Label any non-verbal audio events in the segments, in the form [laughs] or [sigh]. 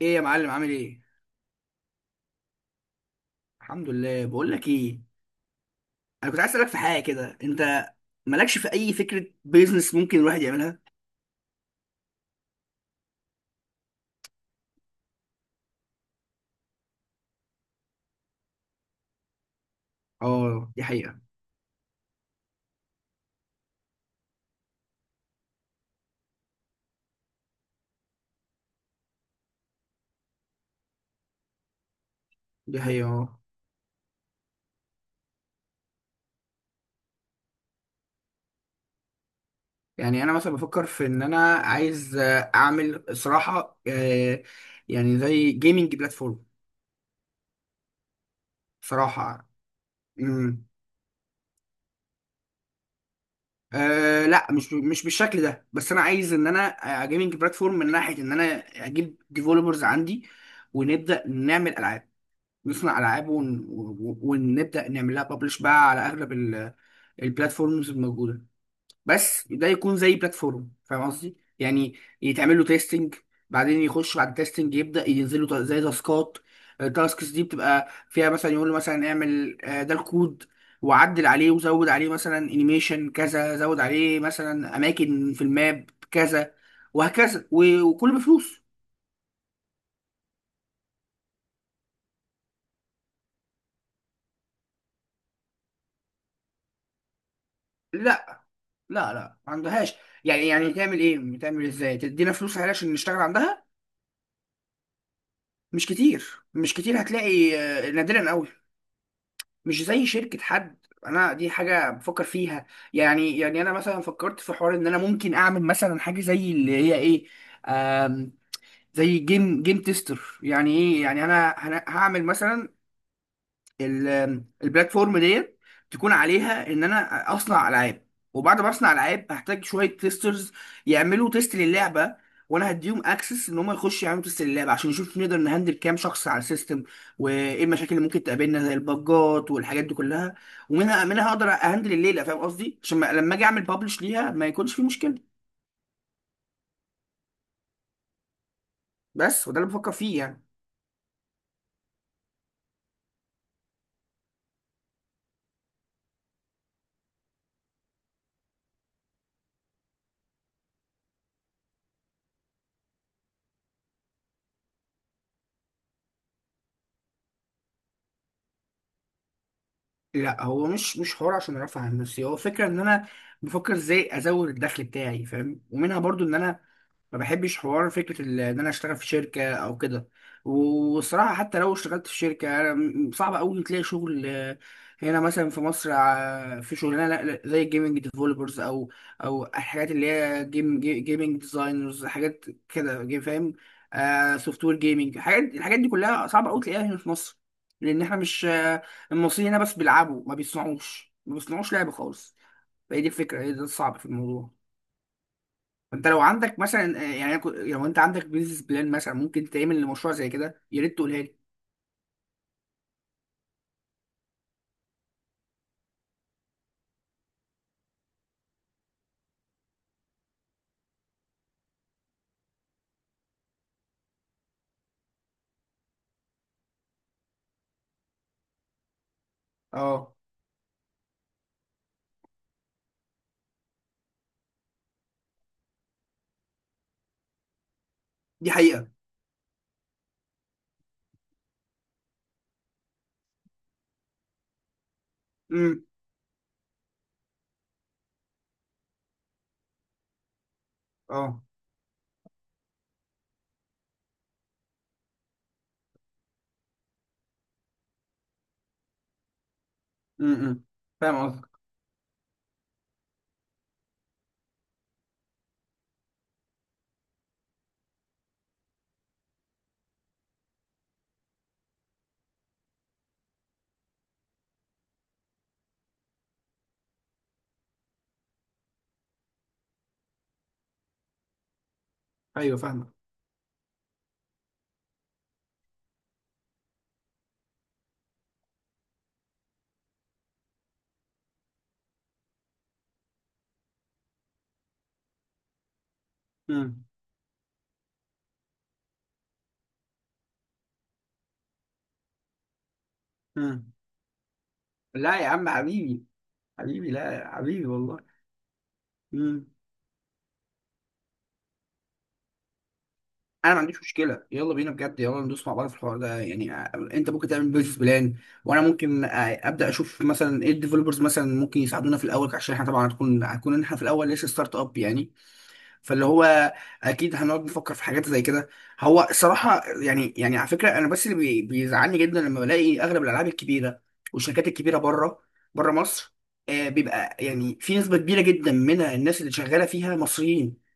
ايه يا معلم، عامل ايه؟ الحمد لله. بقول لك ايه، انا كنت عايز اسالك في حاجه كده. انت مالكش في اي فكره بيزنس ممكن الواحد يعملها؟ اه، دي حقيقه. دي حقيقه، اه. يعني انا مثلا بفكر في ان انا عايز اعمل صراحه، يعني زي جيمنج بلاتفورم، صراحه. امم. آه، لا، مش بالشكل ده، بس انا عايز ان انا جيمنج بلاتفورم من ناحيه ان انا اجيب ديفلوبرز عندي، ونبدا نعمل العاب، نصنع العاب، ونبدا نعمل لها ببلش بقى على اغلب البلاتفورمز الموجوده. بس ده يكون زي بلاتفورم، فاهم قصدي يعني، يتعمل له تيستنج، بعدين يخش بعد التيستنج يبدا ينزل له زي تاسكات. التاسكس دي بتبقى فيها مثلا يقول له مثلا اعمل، ده الكود، وعدل عليه وزود عليه مثلا انيميشن كذا، زود عليه مثلا اماكن في الماب كذا، وهكذا وكله بفلوس. لا لا، لا، ما عندهاش. يعني تعمل ايه، تعمل ازاي، تدينا فلوس عليها عشان نشتغل عندها؟ مش كتير، مش كتير هتلاقي، نادرا قوي. مش زي شركة حد، انا دي حاجة بفكر فيها. يعني انا مثلا فكرت في حوار ان انا ممكن اعمل مثلا حاجة زي اللي هي ايه، آم زي جيم تيستر. يعني ايه، يعني انا هعمل مثلا البلاتفورم ديت تكون عليها ان انا اصنع العاب، وبعد ما اصنع العاب هحتاج شويه تيسترز يعملوا تيست للعبه، وانا هديهم اكسس ان هم يخشوا يعملوا تيست للعبه عشان نشوف نقدر نهندل كام شخص على السيستم، وايه المشاكل اللي ممكن تقابلنا زي الباجات والحاجات دي كلها. ومنها اقدر اهندل الليله، فاهم قصدي، عشان لما اجي اعمل ببلش ليها ما يكونش في مشكله. بس، وده اللي بفكر فيه يعني. لا، هو مش حوار عشان ارفع عن نفسي، هو فكره ان انا بفكر ازاي ازود الدخل بتاعي، فاهم، ومنها برضو ان انا ما بحبش حوار فكرة ان انا اشتغل في شركة او كده. والصراحة حتى لو اشتغلت في شركة، أنا صعب قوي تلاقي شغل، هنا مثلا في مصر، في شغلانة لا، زي الجيمنج ديفلوبرز، او الحاجات اللي هي جيمنج ديزاينرز، حاجات كده، فاهم، سوفت وير جيمنج، الحاجات دي كلها صعب قوي تلاقيها هنا في مصر. لان احنا مش، المصريين هنا بس بيلعبوا، ما بيصنعوش، ما بيصنعوش لعب خالص. فهي دي الفكرة، هي ده الصعب في الموضوع. انت لو عندك مثلا، يعني لو انت عندك بيزنس بلان مثلا ممكن تعمل لمشروع زي كده، يا ريت تقولها لي. اه، دي حقيقة. امم. اه. امم، فاهم قصدك. ايوه فاهمك. امم، امم. لا يا عم حبيبي، حبيبي، لا يا حبيبي والله. امم. انا ما عنديش مشكلة، يلا بينا، بجد يلا ندوس مع بعض في الحوار ده. يعني، انت ممكن تعمل بيزنس بلان، وانا ممكن، ابدا اشوف مثلا ايه الديفلوبرز مثلا ممكن يساعدونا في الاول، عشان احنا طبعا هتكون احنا في الاول لسه ستارت اب يعني. فاللي هو اكيد هنقعد نفكر في حاجات زي كده. هو الصراحه يعني على فكره، انا بس اللي بيزعلني جدا لما بلاقي اغلب الالعاب الكبيره والشركات الكبيره بره، بره مصر، بيبقى يعني في نسبه كبيره جدا من الناس اللي شغاله فيها مصريين.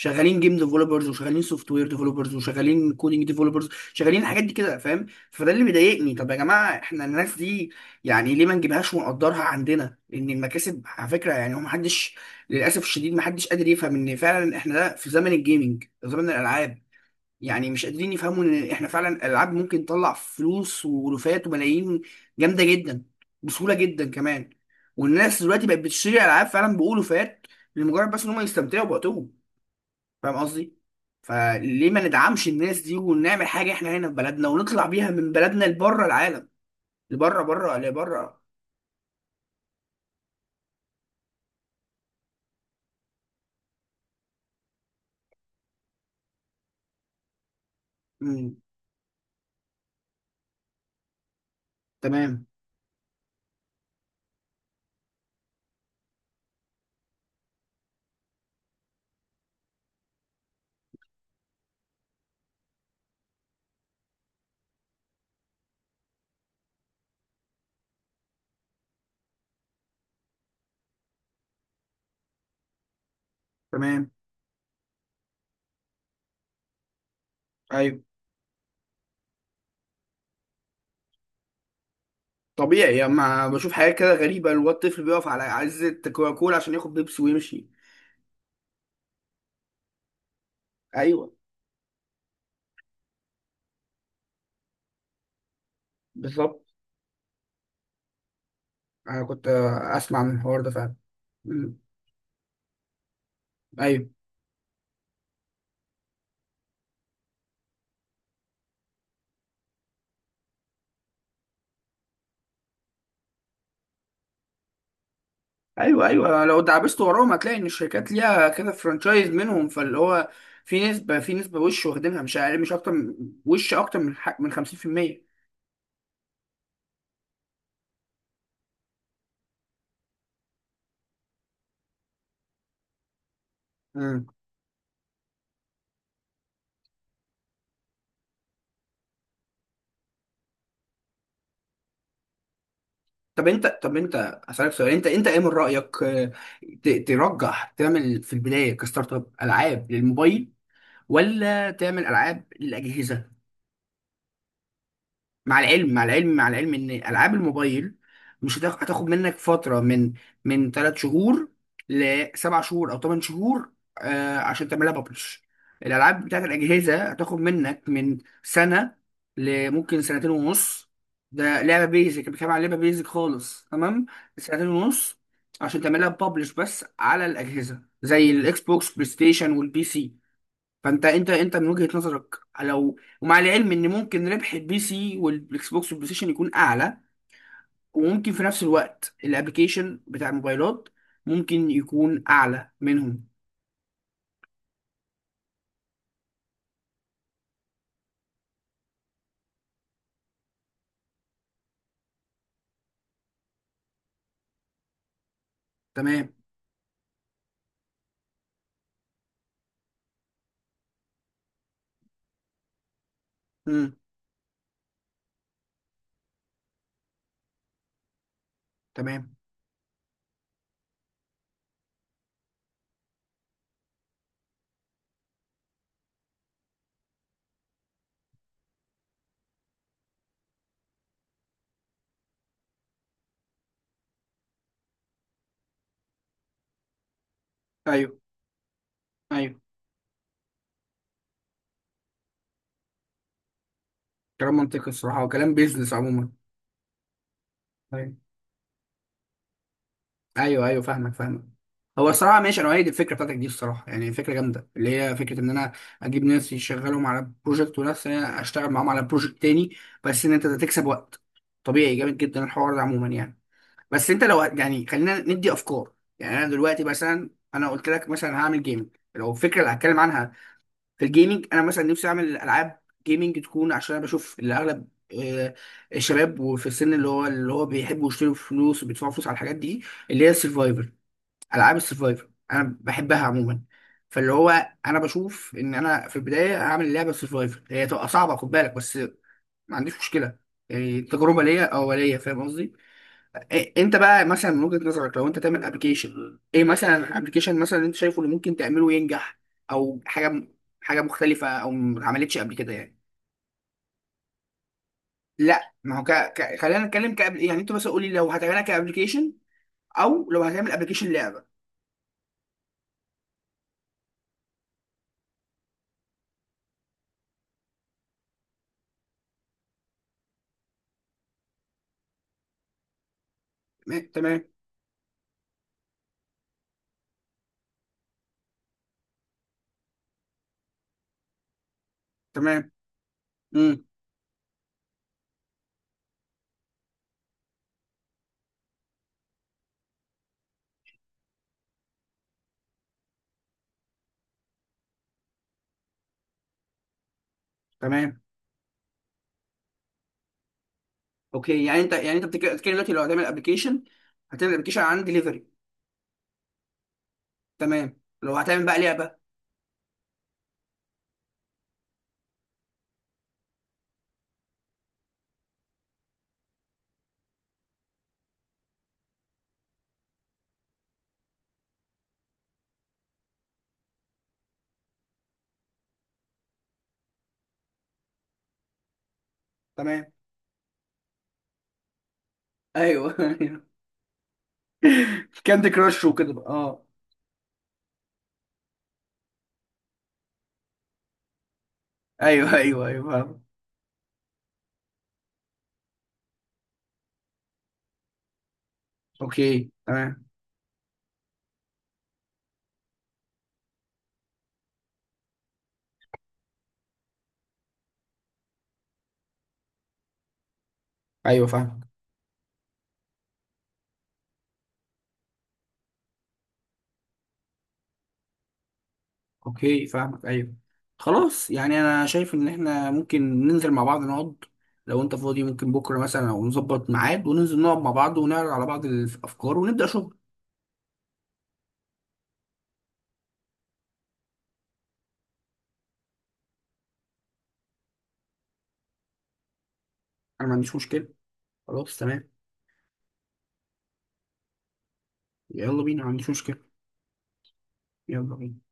شغالين جيم ديفلوبرز، وشغالين سوفت وير ديفلوبرز، وشغالين كودينج ديفلوبرز، شغالين الحاجات دي كده، فاهم. فده اللي مضايقني، طب يا جماعه احنا الناس دي يعني ليه ما نجيبهاش ونقدرها عندنا؟ لان المكاسب على فكره يعني، هو محدش، للاسف الشديد محدش قادر يفهم ان فعلا احنا ده في زمن الجيمنج، زمن الالعاب. يعني مش قادرين يفهموا ان احنا فعلا الالعاب ممكن تطلع فلوس، ولوفات وملايين، جامده جدا، بسهوله جدا كمان. والناس دلوقتي بقت بتشتري العاب فعلا بألوفات، لمجرد بس ان هم يستمتعوا بوقتهم، فاهم قصدي. فليه ما ندعمش الناس دي، ونعمل حاجه احنا هنا في بلدنا، ونطلع بيها من بلدنا لبره العالم، لبره، بره، لبره. امم. تمام، تمام. ايوه. طبيعي يعني، ما بشوف حاجات كده غريبه، اللي هو الطفل بيقف على عزه كوكاكولا عشان ياخد بيبسي ويمشي. ايوه. بالظبط. انا كنت، اسمع من الحوار ده فعلا. امم. ايوه، ايوه، ايوه، لو دعبست وراهم هتلاقي ان الشركات ليها كذا فرانشايز منهم، فاللي هو في نسبه وش واخدينها، مش اقل، مش اكتر وش اكتر من حق من 50%. امم. طب انت، اسالك سؤال، انت ايه من رايك، ترجح تعمل في البدايه كستارت اب العاب للموبايل، ولا تعمل العاب للاجهزه؟ مع العلم ان العاب الموبايل مش هتاخ- هتاخد منك فتره من، من 3 شهور لسبع شهور او 8 شهور، عشان تعملها ببلش. الالعاب بتاعت الاجهزه هتاخد منك من سنه لممكن سنتين ونص. ده لعبه بيزك، بتكلم عن لعبه بيزك خالص، تمام. سنتين ونص عشان تعملها ببلش، بس على الاجهزه زي الاكس بوكس، بلاي ستيشن، والبي سي. فانت، انت من وجهة نظرك، لو، ومع العلم ان ممكن ربح البي سي والاكس بوكس والبلاي ستيشن يكون اعلى، وممكن في نفس الوقت الابليكيشن بتاع الموبايلات ممكن يكون اعلى منهم. تمام. امم. تمام. ايوه، ايوه، كلام منطقي الصراحة، وكلام بيزنس عموما. أيوة. ايوه، ايوه، فاهمك، فاهمك. هو الصراحه ماشي، انا اؤيد الفكره بتاعتك دي الصراحه، يعني فكره جامده، اللي هي فكره ان انا اجيب ناس يشغلهم على بروجكت، وناس انا اشتغل معاهم على بروجكت تاني، بس ان انت تكسب وقت. طبيعي، جامد جدا الحوار ده عموما يعني. بس انت لو يعني، خلينا ندي افكار. يعني انا دلوقتي مثلا، انا قلت لك مثلا هعمل جيمنج، لو الفكره اللي هتكلم عنها في الجيمنج، انا مثلا نفسي اعمل العاب جيمنج تكون، عشان انا بشوف اللي اغلب، آه، الشباب، وفي السن اللي هو بيحبوا يشتروا فلوس وبيدفعوا فلوس على الحاجات دي، اللي هي السرفايفل، العاب السرفايفر انا بحبها عموما. فاللي هو انا بشوف ان انا في البدايه هعمل لعبه سرفايفر، هي تبقى صعبه، خد بالك بس، ما عنديش مشكله، يعني تجربه ليا اوليه، فاهم قصدي. إيه انت بقى، مثلا من وجهه نظرك لو انت تعمل ابلكيشن، ايه مثلا ابلكيشن مثلا انت شايفه اللي ممكن تعمله ينجح، او حاجه، حاجه مختلفه، او ما اتعملتش قبل كده يعني؟ لا، ما هو خلينا نتكلم كابل، يعني انت مثلا قول لي، لو هتعملها كابلكيشن او لو هتعمل ابلكيشن لعبه. تمام. تمام. تمام. امم. تمام. اوكي، يعني انت بتتكلم دلوقتي لو هتعمل ابلكيشن، هتعمل ابلكيشن عن دليفري. تمام. لو هتعمل بقى لعبه. تمام، ايوه، ايوه، [laughs] كاندي كراش وكده، بقى اه. ايوه، ايوه، ايوه، فاهم. اوكي. تمام. ايوه فاهمك. اوكي فاهمك. ايوه. خلاص، يعني انا شايف ان احنا ممكن ننزل مع بعض، نقعد، لو انت فاضي ممكن بكره مثلا، او نظبط ميعاد وننزل نقعد مع بعض، ونعرض على بعض الافكار، ونبدا شغل. انا ما عنديش مشكله. خلاص تمام. يلا بينا، ما عنديش مشكله. يلا بينا.